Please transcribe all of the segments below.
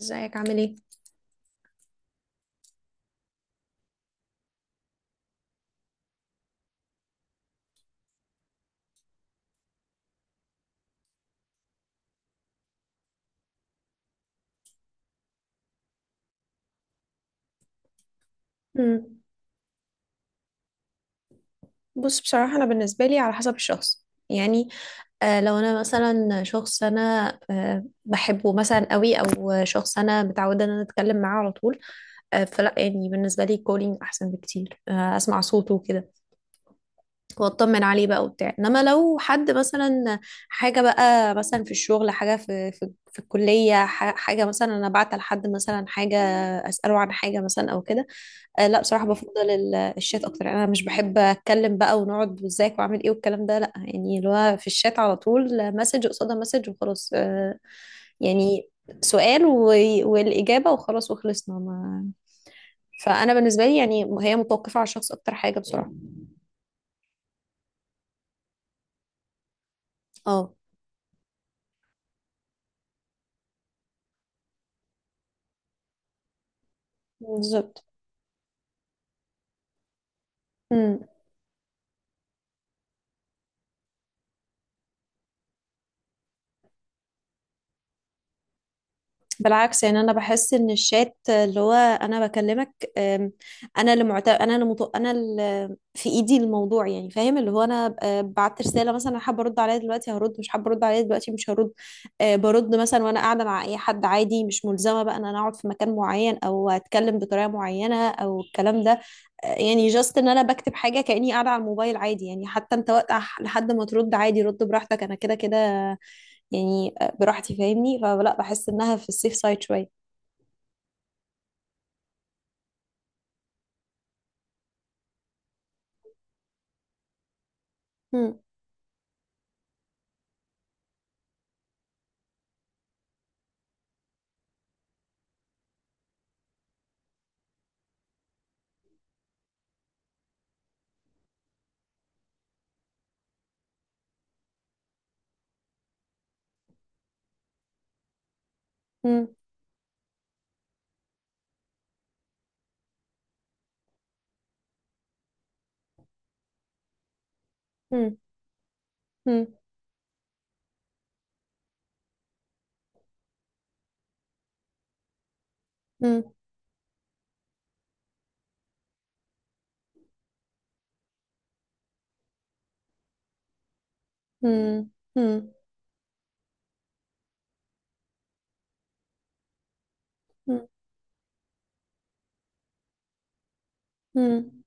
ازيك عامل ايه؟ مم. بص، بصراحة أنا بالنسبة لي على حسب الشخص يعني. لو أنا مثلا شخص أنا بحبه مثلا قوي أو شخص أنا متعودة إن أنا أتكلم معاه على طول. فلا يعني بالنسبة لي كولينج أحسن بكتير، أسمع صوته وكده وأطمن عليه بقى وبتاع. إنما لو حد مثلا حاجة بقى مثلا في الشغل، حاجة في الكلية، حاجة مثلا أنا بعت لحد مثلا حاجة أسأله عن حاجة مثلا أو كده، لا بصراحة بفضل الشات أكتر. أنا مش بحب أتكلم بقى ونقعد وإزيك وعامل إيه والكلام ده، لا يعني اللي هو في الشات على طول مسج قصادها مسج وخلاص. يعني سؤال و... والإجابة وخلاص وخلصنا ما... فأنا بالنسبة لي يعني هي متوقفة على الشخص أكتر حاجة بصراحة. اه، بالظبط. بالعكس، يعني انا بحس ان الشات اللي هو انا بكلمك أم، انا انا اللي في ايدي الموضوع، يعني فاهم، اللي هو انا بعت رساله مثلا. أنا حابه ارد عليها دلوقتي هرد، مش حابه ارد عليها دلوقتي مش هرد. برد مثلا وانا قاعده مع اي حد عادي، مش ملزمه بقى ان انا اقعد في مكان معين او اتكلم بطريقه معينه او الكلام ده. يعني جاست ان انا بكتب حاجه كاني قاعده على الموبايل عادي، يعني حتى انت وقت لحد ما ترد عادي رد براحتك، انا كده كده يعني براحتي، فاهمني؟ فلا بحس انها في السيف سايد شويه. مم. مم. مم. مم. مم. مم. مم. مم. مم.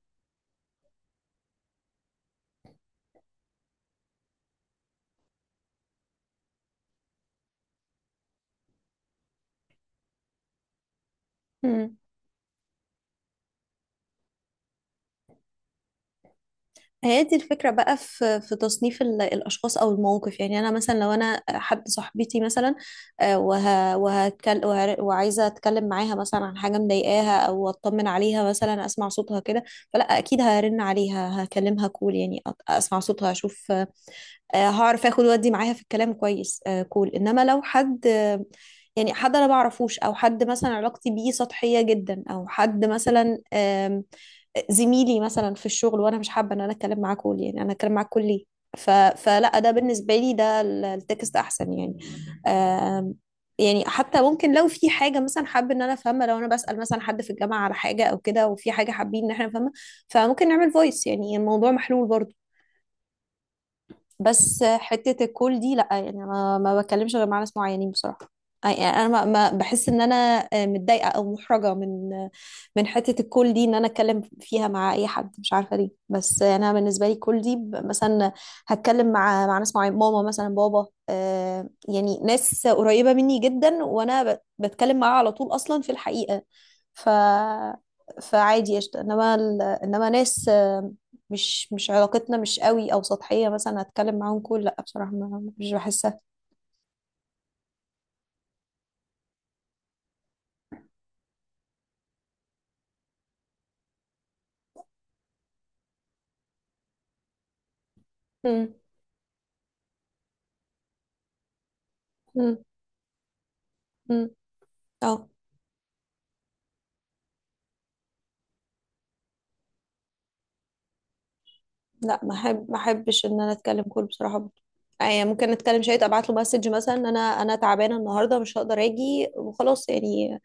مم. هي دي الفكرة بقى، في في تصنيف الأشخاص أو المواقف. يعني أنا مثلا لو أنا حد صاحبتي مثلا وعايزة أتكلم معاها مثلا عن حاجة مضايقاها أو أطمن عليها مثلا أسمع صوتها كده، فلا أكيد هرن عليها هكلمها كول، يعني أسمع صوتها أشوف، هعرف اخد وادي معاها في الكلام كويس، كول. انما لو حد حد انا بعرفوش او حد مثلا علاقتي بيه سطحية جدا او حد مثلا زميلي مثلا في الشغل، وانا مش حابة ان انا اتكلم معاه كول، يعني انا اتكلم معاه كول ليه؟ فلا ده بالنسبة لي ده التكست احسن يعني. آم، يعني حتى ممكن لو في حاجة مثلا حابة ان انا افهمها، لو انا بسأل مثلا حد في الجامعة على حاجة او كده وفي حاجة حابين ان احنا نفهمها، فممكن نعمل فويس، يعني الموضوع محلول برضه. بس حتة الكول دي لأ، يعني أنا ما بتكلمش غير مع ناس معينين بصراحة. يعني أنا بحس إن أنا متضايقة أو محرجة من حتة الكول دي، إن أنا أتكلم فيها مع أي حد، مش عارفة ليه. بس أنا بالنسبة لي الكول دي مثلا هتكلم مع ناس معينة، ماما مثلا، بابا، يعني ناس قريبة مني جدا وأنا بتكلم معاها على طول أصلا في الحقيقة. ف فعادي قشطة. انما انما ناس مش علاقتنا مش قوي او سطحية مثلا، هتكلم معاهم كل لا بصراحة ما مش بحسها. مم. مم. مم. اه. لا، ما احبش ان انا اتكلم كل بصراحة برضه، يعني ممكن نتكلم شوية، ابعت له مسج مثلا إن انا تعبانة النهاردة مش هقدر اجي وخلاص يعني.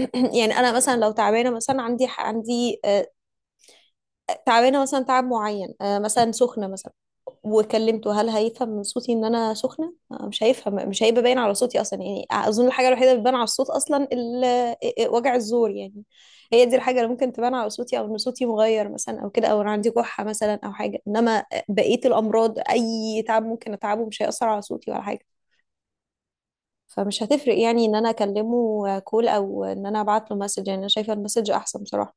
يعني انا مثلا لو تعبانة مثلا، عندي تعبانة مثلا تعب معين، مثلا سخنة مثلا، وكلمته، هل هيفهم من صوتي ان انا سخنه؟ مش هيفهم، مش هيبقى باين على صوتي اصلا يعني. اظن الحاجه الوحيده اللي بتبان على الصوت اصلا وجع الزور يعني. هي دي الحاجه اللي ممكن تبان على صوتي، او ان صوتي مغير مثلا او كده، او انا عندي كحه مثلا او حاجه. انما بقيه الامراض اي تعب ممكن اتعبه مش هيأثر على صوتي ولا حاجه. فمش هتفرق يعني ان انا اكلمه كول او ان انا ابعت له مسج، يعني انا شايفه المسج احسن بصراحه.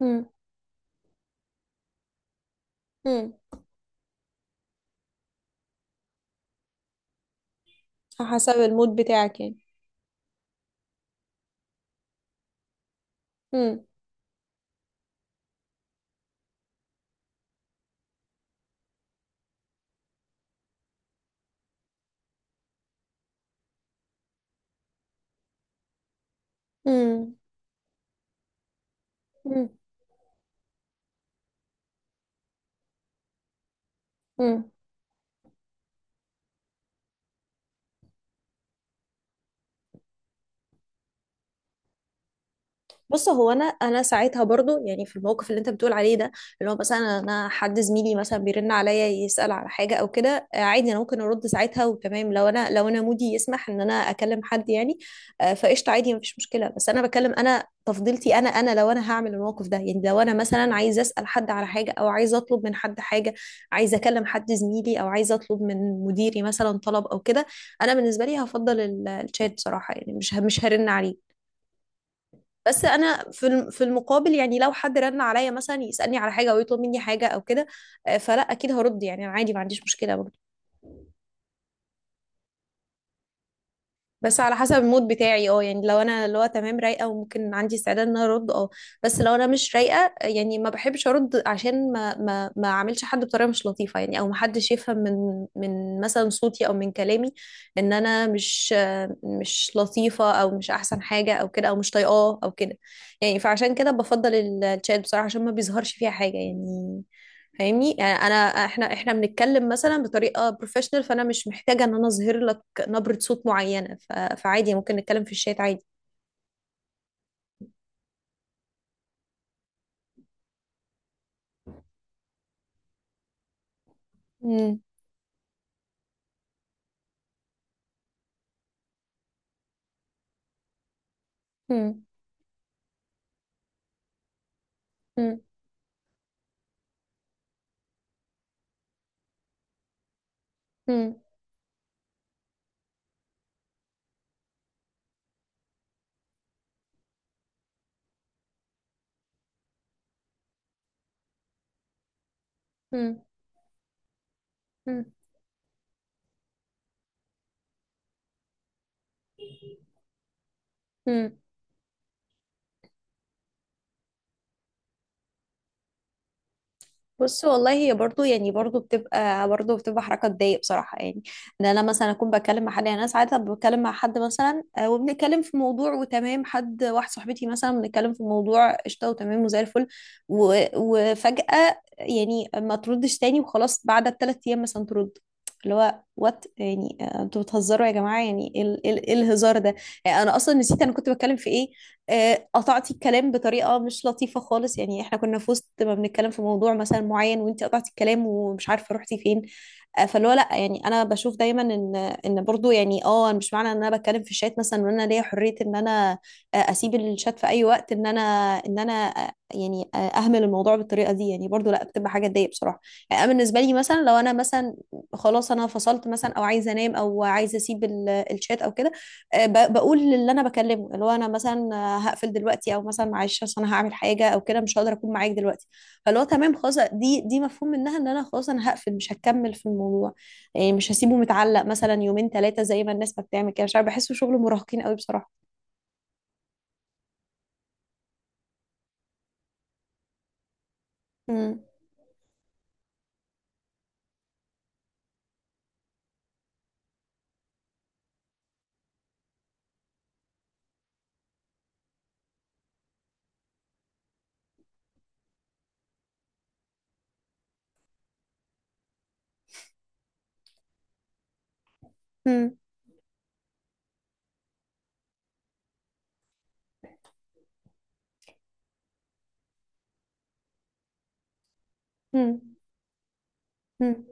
امم امم حسب المود بتاعك يعني. امم امم بص، هو انا انا ساعتها برضو يعني في الموقف اللي انت بتقول عليه ده، اللي هو مثلا انا حد زميلي مثلا بيرن عليا يسأل على حاجه او كده، عادي انا ممكن ارد ساعتها وتمام، لو انا مودي يسمح ان انا اكلم حد يعني. فقشطه عادي، مفيش مشكله. بس انا بكلم انا تفضيلتي انا، لو انا هعمل الموقف ده، يعني لو انا مثلا عايزه اسال حد على حاجه او عايزه اطلب من حد حاجه، عايزه اكلم حد زميلي او عايزه اطلب من مديري مثلا طلب او كده، انا بالنسبه لي هفضل الشات بصراحه، يعني مش هرن عليه. بس انا في في المقابل، يعني لو حد رن عليا مثلا يسالني على حاجه او يطلب مني حاجه او كده، فلا اكيد هرد، يعني انا عادي ما عنديش مشكله. بس على حسب المود بتاعي، اه، يعني لو انا اللي هو تمام رايقه وممكن عندي استعداد ان انا ارد، اه. بس لو انا مش رايقه، يعني ما بحبش ارد عشان ما اعملش حد بطريقه مش لطيفه يعني، او ما حدش يفهم من مثلا صوتي او من كلامي ان انا مش لطيفه او مش احسن حاجه او كده، او مش طايقاه او كده يعني. فعشان كده بفضل الشات بصراحه، عشان ما بيظهرش فيها حاجه يعني، فاهمني؟ يعني انا احنا بنتكلم مثلا بطريقه بروفيشنال، فانا مش محتاجه ان انا اظهر لك نبرة صوت معينة. فعادي، ممكن نتكلم في الشات عادي. مم. مم. مم. مم. مم. مم. مم. بص والله، هي برضو يعني برضو بتبقى برضو بتبقى حركة تضايق بصراحة يعني، ان انا مثلا اكون بتكلم مع حد، يعني انا ساعات بتكلم مع حد مثلا وبنتكلم في موضوع وتمام، حد واحد صاحبتي مثلا بنتكلم في موضوع قشطة وتمام وزي الفل، وفجأة يعني ما تردش تاني وخلاص، بعد الثلاث ايام مثلا ترد. اللي هو وات يعني، انتوا بتهزروا يا جماعة؟ يعني ايه إيه الهزار ده؟ يعني انا اصلا نسيت انا كنت بتكلم في ايه. قطعتي الكلام بطريقه مش لطيفه خالص، يعني احنا كنا في وسط ما بنتكلم في موضوع مثلا معين، وانت قطعتي الكلام ومش عارفه رحتي فين. فاللي هو لا يعني، انا بشوف دايما ان برضو يعني اه أنا مش معنى ان انا بتكلم في الشات مثلا، وان انا ليا حريه ان انا اسيب الشات في اي وقت، ان انا ان انا آه، يعني آه، اهمل الموضوع بالطريقه دي. يعني برضو لا، بتبقى حاجه تضايق بصراحه. يعني انا بالنسبه لي مثلا لو انا مثلا خلاص انا فصلت مثلا، او عايزه انام، او عايزه اسيب الشات او كده، بقول للي انا بكلمه اللي هو انا مثلا هقفل دلوقتي، او مثلا معلش اصل انا هعمل حاجه او كده مش هقدر اكون معاك دلوقتي. فاللي هو تمام خلاص، دي مفهوم منها ان انا خلاص انا هقفل مش هكمل في الموضوع، يعني مش هسيبه متعلق مثلا يومين ثلاثه زي ما الناس ما بتعمل كده، مش عارف بحسه شغل مراهقين قوي بصراحه. امم امم امم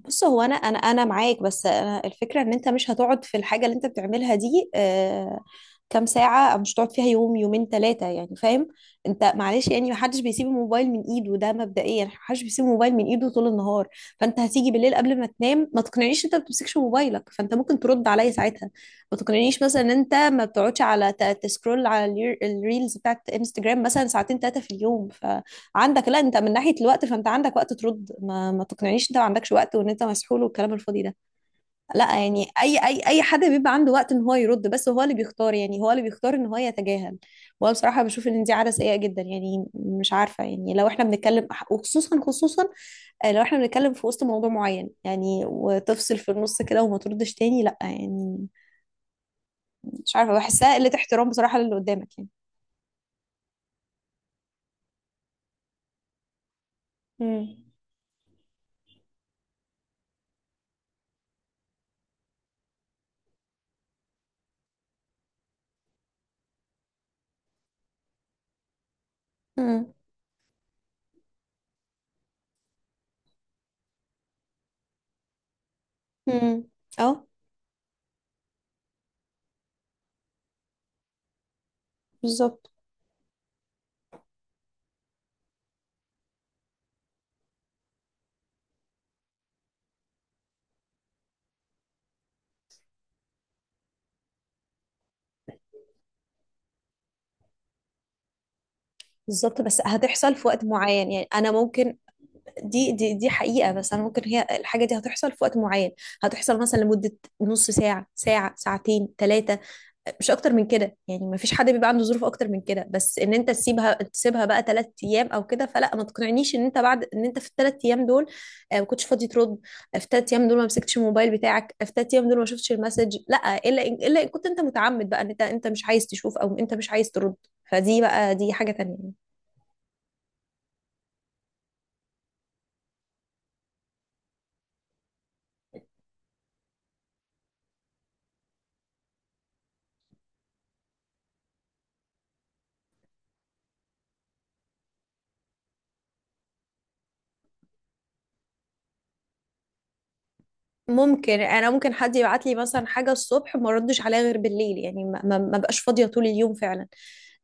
بص، هو انا انا معاك، بس أنا الفكره ان انت مش هتقعد في الحاجه اللي انت بتعملها دي كام ساعه، أو مش هتقعد فيها يوم يومين ثلاثه يعني، فاهم؟ انت معلش يعني محدش بيسيب الموبايل من ايده، ده مبدئيا محدش بيسيب الموبايل من ايده طول النهار. فانت هتيجي بالليل قبل ما تنام، ما تقنعنيش انت ما بتمسكش موبايلك، فانت ممكن ترد عليا ساعتها. ما تقنعنيش مثلا ان انت ما بتقعدش على تسكرول على الريلز بتاعت انستجرام مثلا ساعتين ثلاثه في اليوم. عندك، لا انت من ناحية الوقت فانت عندك وقت ترد، ما تقنعنيش انت ما عندكش وقت وان انت مسحول والكلام الفاضي ده. لا يعني، اي حد بيبقى عنده وقت ان هو يرد، بس هو اللي بيختار، يعني هو اللي بيختار ان هو يتجاهل. وانا بصراحة بشوف ان دي عادة سيئة جدا، يعني مش عارفة، يعني لو احنا بنتكلم وخصوصا خصوصا آه، لو احنا بنتكلم في وسط موضوع معين يعني، وتفصل في النص كده وما تردش تاني، لا يعني مش عارفة بحسها قلة احترام بصراحة للي قدامك يعني. مم. امم امم اه، بالظبط. بالظبط بس هتحصل في وقت معين يعني، انا ممكن دي حقيقة، بس انا ممكن هي الحاجة دي هتحصل في وقت معين، هتحصل مثلا لمدة نص ساعة ساعة ساعتين ثلاثة، مش اكتر من كده يعني، ما فيش حد بيبقى عنده ظروف اكتر من كده. بس ان انت تسيبها بقى ثلاث ايام او كده فلا. ما تقنعنيش ان انت بعد ان انت في الثلاث ايام دول ما كنتش فاضي ترد، في الثلاث ايام دول ما مسكتش الموبايل بتاعك، في الثلاث ايام دول ما شفتش المسج، لا. الا الا ان كنت انت متعمد بقى ان انت مش عايز تشوف او انت مش عايز ترد، فدي بقى دي حاجة تانية. ممكن انا ممكن حد يبعت لي مثلا حاجه الصبح ما ردش عليها غير بالليل، يعني ما بقاش فاضيه طول اليوم فعلا،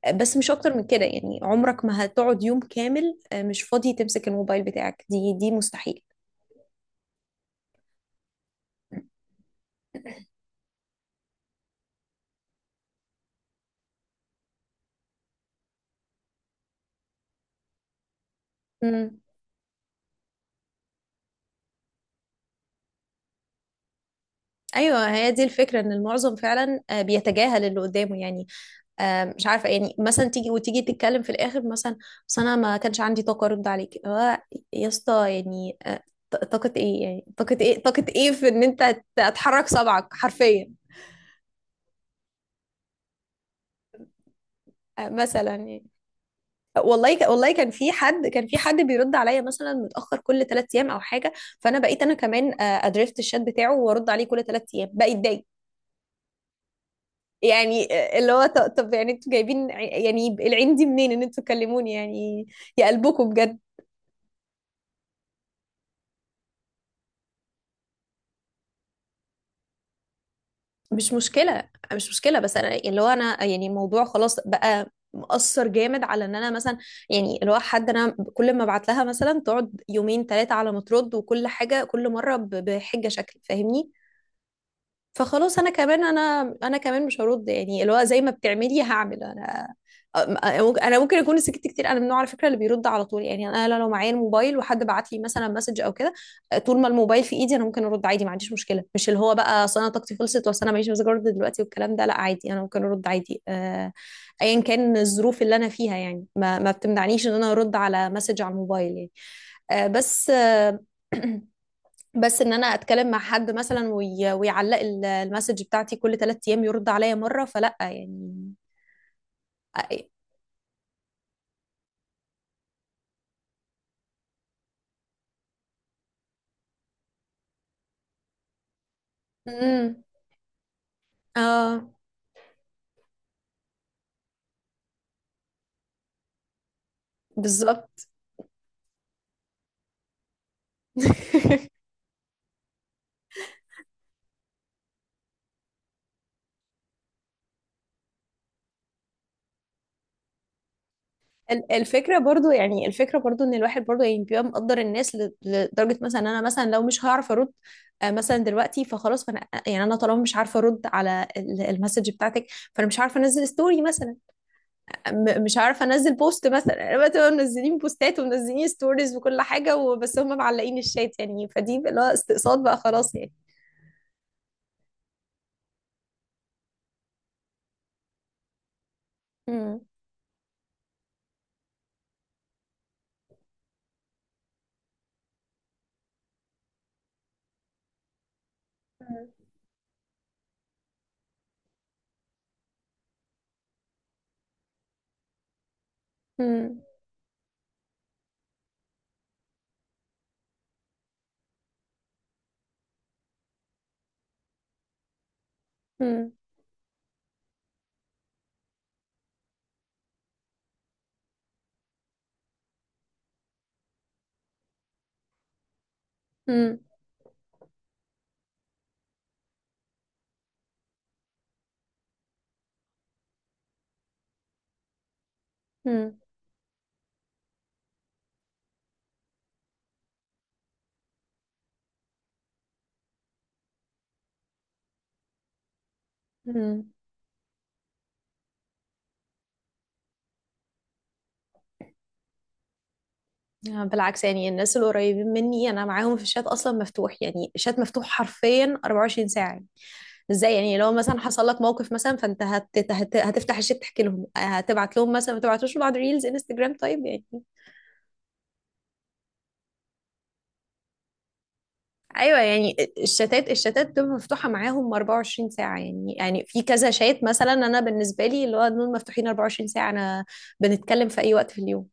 بس مش اكتر من كده يعني. عمرك ما هتقعد يوم كامل مش فاضي تمسك الموبايل بتاعك، دي مستحيل. امم. ايوه، هي دي الفكره، ان المعظم فعلا بيتجاهل اللي قدامه يعني، مش عارفه. يعني مثلا تيجي تتكلم في الاخر مثلا، بس انا ما كانش عندي طاقه ارد عليك يا اسطى يعني. طاقه ايه يعني؟ طاقه ايه في ان انت هتحرك صبعك حرفيا مثلا يعني؟ والله كان في حد، كان في حد بيرد عليا مثلا متاخر كل ثلاث ايام او حاجه، فانا بقيت انا كمان ادريفت الشات بتاعه وارد عليه كل ثلاث ايام، بقيت ضايق يعني. اللي هو طب يعني انتوا جايبين يعني العين دي منين ان انتوا تكلموني يعني؟ يا قلبكم بجد. مش مشكله، بس انا اللي هو انا يعني الموضوع خلاص بقى مأثر جامد على ان انا مثلا، يعني اللي هو حد انا كل ما ابعت لها مثلا تقعد يومين ثلاثه على ما ترد، وكل حاجه كل مره بحجه شكل، فاهمني؟ فخلاص انا كمان، مش هرد، يعني اللي هو زي ما بتعملي هعمل انا. انا ممكن اكون سكت كتير، انا من النوع على فكره اللي بيرد على طول، يعني انا لو معايا الموبايل وحد بعت لي مثلا مسج او كده، طول ما الموبايل في ايدي انا ممكن ارد عادي، ما عنديش مشكله. مش اللي هو بقى اصل انا طاقتي خلصت، واصل انا ماليش مزاج ارد دلوقتي والكلام ده. لا، عادي انا ممكن ارد عادي، ايا كان الظروف اللي انا فيها، يعني ما بتمنعنيش ان انا ارد على مسج على الموبايل يعني. آه، بس آه، بس ان انا اتكلم مع حد مثلا ويعلق المسج بتاعتي كل ثلاث ايام يرد عليا مره، فلا يعني. امم. اه، بالظبط. الفكره برضو، ان الواحد برضو يعني بيبقى مقدر الناس لدرجه مثلا إن انا مثلا لو مش هعرف ارد مثلا دلوقتي فخلاص، فانا يعني انا طالما مش عارفه ارد على المسج بتاعتك، فانا مش عارفه انزل ستوري مثلا، مش عارفه انزل بوست مثلا. انا بقى تبقى منزلين بوستات ومنزلين ستوريز وكل حاجه وبس هم معلقين الشات، يعني فدي بقى اللي هو استقصاد بقى خلاص يعني. مم. مم. مم. مم. مم. مم. بالعكس، يعني الناس القريبين مني انا معاهم في الشات اصلا مفتوح، يعني الشات مفتوح حرفيا 24 ساعه يعني. ازاي يعني؟ لو مثلا حصل لك موقف مثلا فانت هتفتح الشات تحكي لهم، هتبعت لهم مثلا، ما تبعتوش لبعض ريلز انستجرام طيب يعني؟ ايوه يعني، الشتات بتبقى مفتوحه معاهم 24 ساعه يعني، يعني في كذا شات مثلا انا بالنسبه لي اللي هو دول مفتوحين 24 ساعه، انا بنتكلم في اي وقت في اليوم.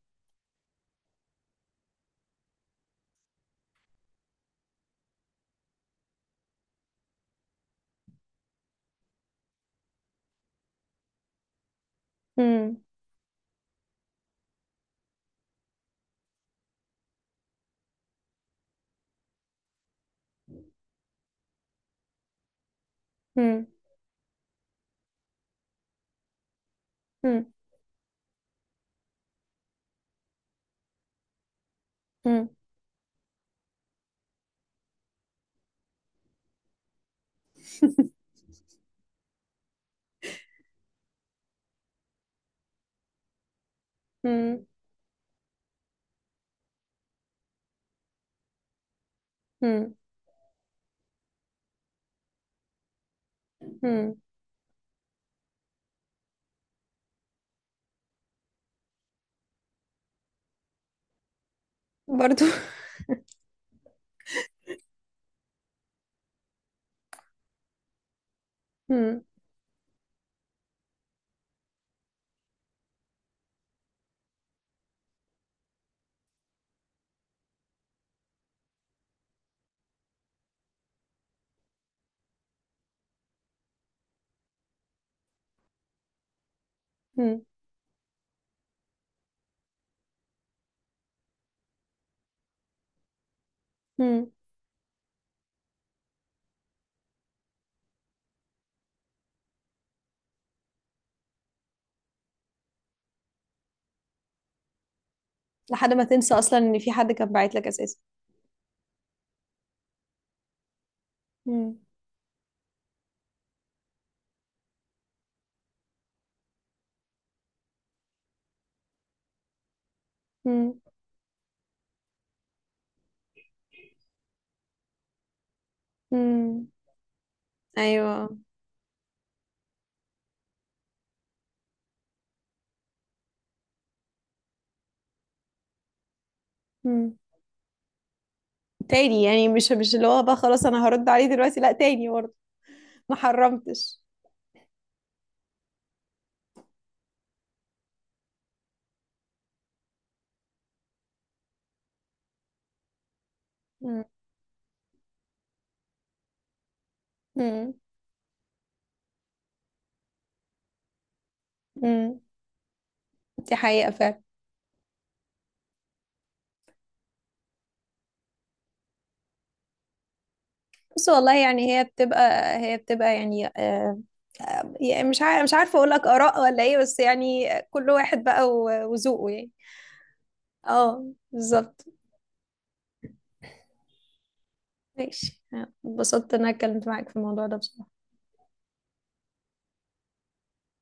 هم. هم. هم. هم. هم. هم. هم. برضو. هم. هم. هم. لحد ما تنسى اصلا ان في حد كان باعت لك اساسا. هم. هم. هم. ايوه. هم. تاني؟ يعني مش مش اللي هو بقى خلاص انا هرد عليه دلوقتي، لا تاني برضه؟ ما حرمتش. هم. هم. هم. دي حقيقه فعلا. بس والله يعني هي بتبقى هي بتبقى يعني يعني مش عارف، مش عارفه اقول لك اراء ولا ايه، بس يعني كل واحد بقى وذوقه يعني. اه، بالظبط. ماشي. اتبسطت ان انا اتكلمت معاك في الموضوع ده بصراحة.